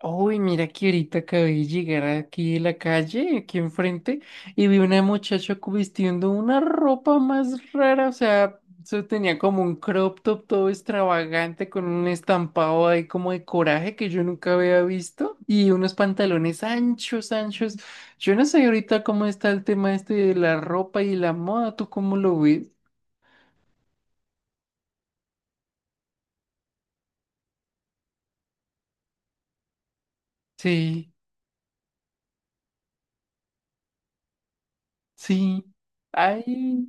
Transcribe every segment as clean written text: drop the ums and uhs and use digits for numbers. Uy, mira que ahorita acabé de llegar aquí de la calle, aquí enfrente, y vi una muchacha vistiendo una ropa más rara, o sea, eso tenía como un crop top todo extravagante con un estampado ahí como de coraje que yo nunca había visto y unos pantalones anchos, anchos. Yo no sé ahorita cómo está el tema este de la ropa y la moda, ¿tú cómo lo ves? Sí, sí. Ay,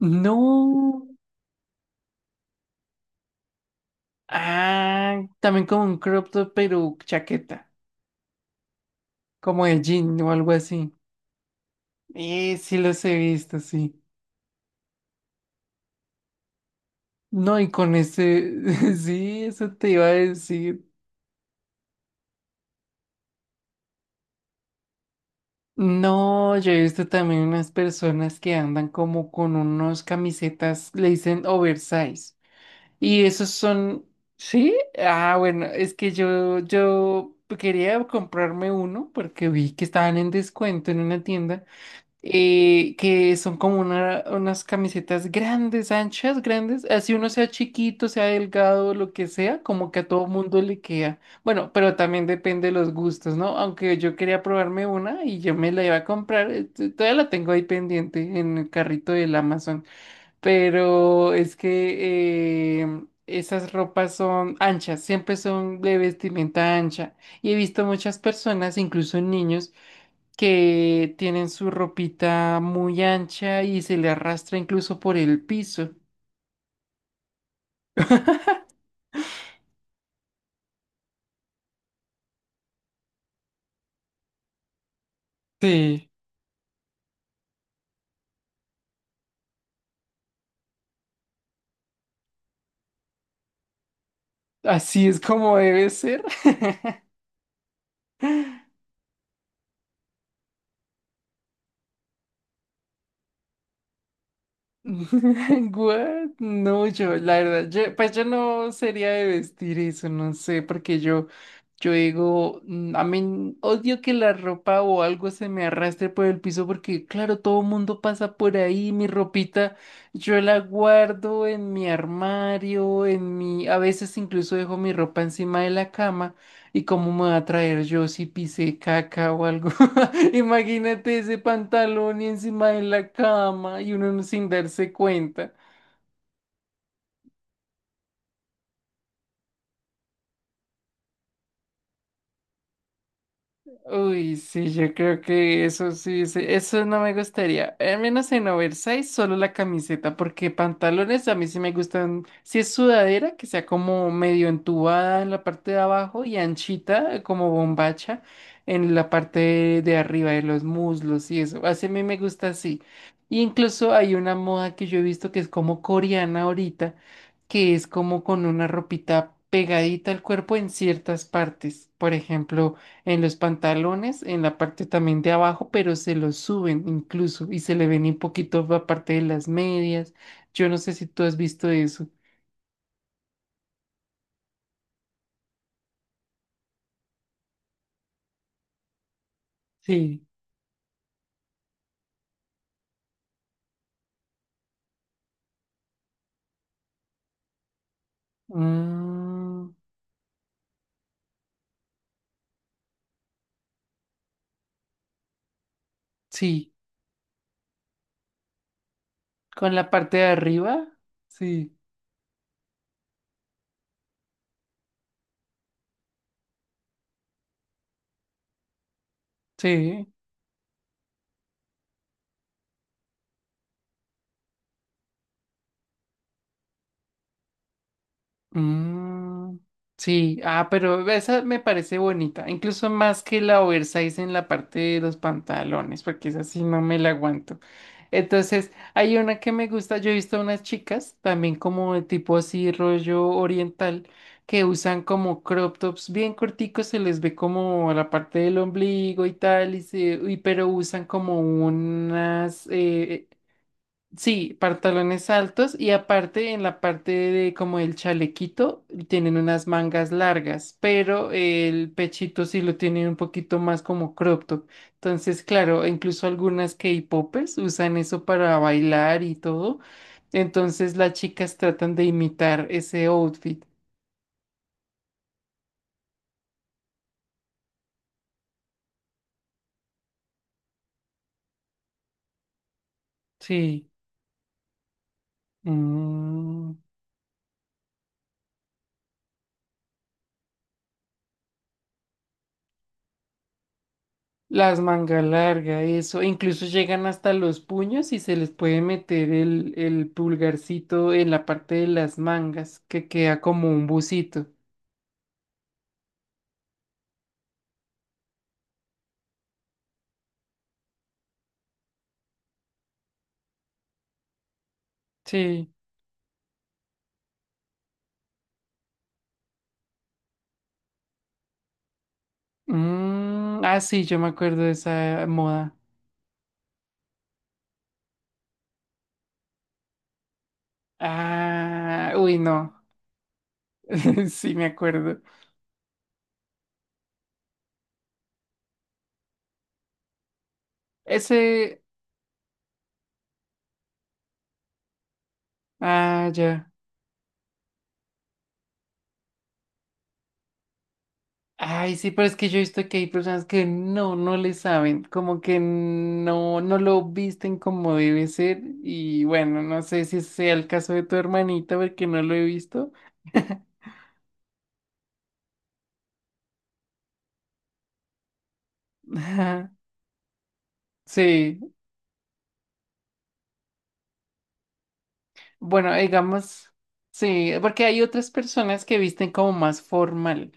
no. Ah, también como un crop top, pero chaqueta, como de jean o algo así. Sí los he visto, sí. No, y con ese, sí, eso te iba a decir. No, yo he visto también unas personas que andan como con unos camisetas, le dicen oversize. Y esos son, ¿sí? Ah, bueno, es que yo quería comprarme uno porque vi que estaban en descuento en una tienda. Que son como unas camisetas grandes, anchas, grandes, así uno sea chiquito, sea delgado, lo que sea, como que a todo mundo le queda. Bueno, pero también depende de los gustos, ¿no? Aunque yo quería probarme una y yo me la iba a comprar, todavía la tengo ahí pendiente en el carrito del Amazon, pero es que... esas ropas son anchas, siempre son de vestimenta ancha. Y he visto muchas personas, incluso niños, que tienen su ropita muy ancha y se le arrastra incluso por el piso. Sí. Así es como debe ser. What? No, yo, la verdad, yo, pues yo no sería de vestir eso, no sé, porque yo digo, mm, a mí odio que la ropa o algo se me arrastre por el piso, porque claro, todo mundo pasa por ahí, mi ropita, yo la guardo en mi armario, en mi, a veces incluso dejo mi ropa encima de la cama, y cómo me va a traer yo si pisé caca o algo. Imagínate ese pantalón y encima de la cama y uno no sin darse cuenta. Uy, sí, yo creo que eso sí, sí, eso no me gustaría. Al menos en oversize, solo la camiseta, porque pantalones a mí sí me gustan. Si es sudadera, que sea como medio entubada en la parte de abajo y anchita, como bombacha, en la parte de arriba de los muslos y eso. Así a mí me gusta así. Y incluso hay una moda que yo he visto que es como coreana ahorita, que es como con una ropita pegadita al cuerpo en ciertas partes. Por ejemplo en los pantalones, en la parte también de abajo, pero se los suben incluso y se le ven un poquito la parte de las medias. Yo no sé si tú has visto eso. Sí. Mm, sí. Con la parte de arriba. Sí. Sí. Mm, sí, ah, pero esa me parece bonita, incluso más que la oversize en la parte de los pantalones, porque esa sí no me la aguanto. Entonces, hay una que me gusta, yo he visto a unas chicas también como de tipo así rollo oriental que usan como crop tops bien corticos, se les ve como la parte del ombligo y tal, pero usan como unas, sí, pantalones altos y aparte en la parte de como el chalequito tienen unas mangas largas, pero el pechito sí lo tienen un poquito más como crop top. Entonces, claro, incluso algunas K-popers usan eso para bailar y todo. Entonces las chicas tratan de imitar ese outfit. Sí. Mm. Las manga larga, eso. Incluso llegan hasta los puños y se les puede meter el pulgarcito en la parte de las mangas, que queda como un bucito. Sí. Mm, ah, sí, yo me acuerdo de esa moda. Ah, uy, no. Sí, me acuerdo. Ese. Ah, ya. Ay, sí, pero es que yo he visto que hay personas que no, no le saben, como que no, no lo visten como debe ser. Y bueno, no sé si sea el caso de tu hermanita, porque no lo he visto. Sí. Bueno, digamos, sí, porque hay otras personas que visten como más formal,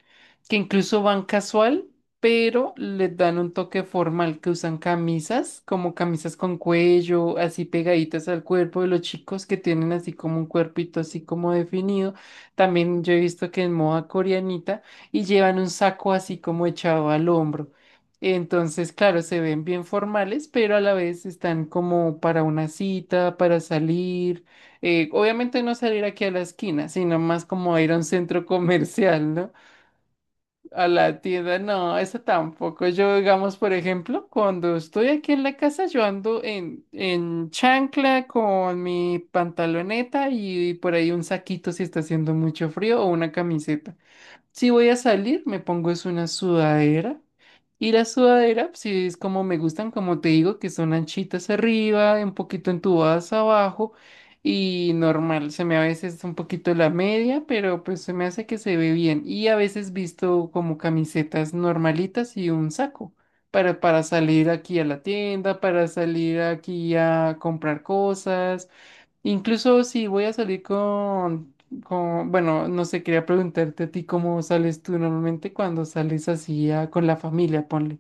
que incluso van casual, pero les dan un toque formal, que usan camisas, como camisas con cuello, así pegaditas al cuerpo de los chicos que tienen así como un cuerpito así como definido. También yo he visto que en moda coreanita y llevan un saco así como echado al hombro. Entonces, claro, se ven bien formales, pero a la vez están como para una cita, para salir. Obviamente no salir aquí a la esquina, sino más como ir a un centro comercial, ¿no? A la tienda, no, eso tampoco. Yo, digamos, por ejemplo, cuando estoy aquí en la casa, yo ando en chancla con mi pantaloneta y por ahí un saquito si está haciendo mucho frío o una camiseta. Si voy a salir, me pongo es una sudadera. Y la sudadera, si es como me gustan, como te digo, que son anchitas arriba, un poquito entubadas abajo. Y normal, se me a veces un poquito la media, pero pues se me hace que se ve bien. Y a veces visto como camisetas normalitas y un saco para salir aquí a la tienda, para salir aquí a comprar cosas. Incluso si voy a salir con, bueno, no sé, quería preguntarte a ti cómo sales tú normalmente cuando sales así con la familia, ponle.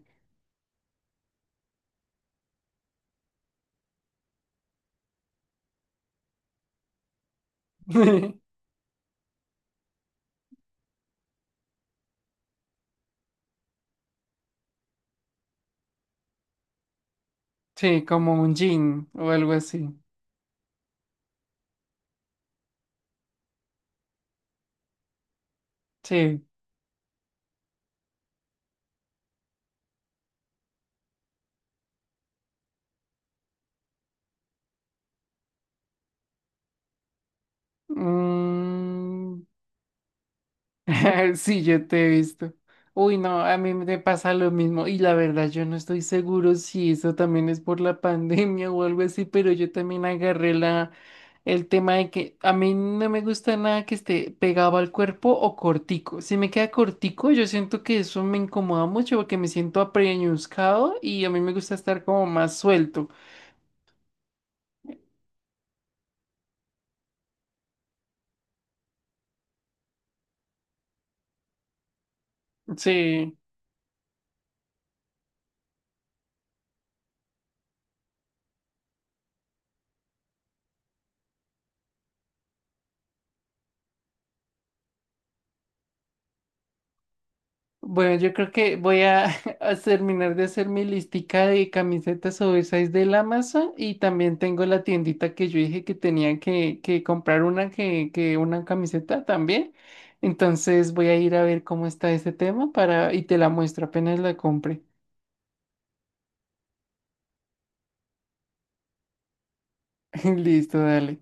Sí, como un jean o algo así. Sí. Mm. Sí, yo te he visto. Uy, no, a mí me pasa lo mismo y la verdad yo no estoy seguro si eso también es por la pandemia o algo así, pero yo también agarré la el tema de que a mí no me gusta nada que esté pegado al cuerpo o cortico. Si me queda cortico, yo siento que eso me incomoda mucho porque me siento apreñuscado y a mí me gusta estar como más suelto. Sí. Bueno, yo creo que voy a, a terminar de hacer mi listica de camisetas oversize del Amazon y también tengo la tiendita que yo dije que tenía que comprar una que una camiseta también. Entonces voy a ir a ver cómo está ese tema para y te la muestro apenas la compre. Listo, dale.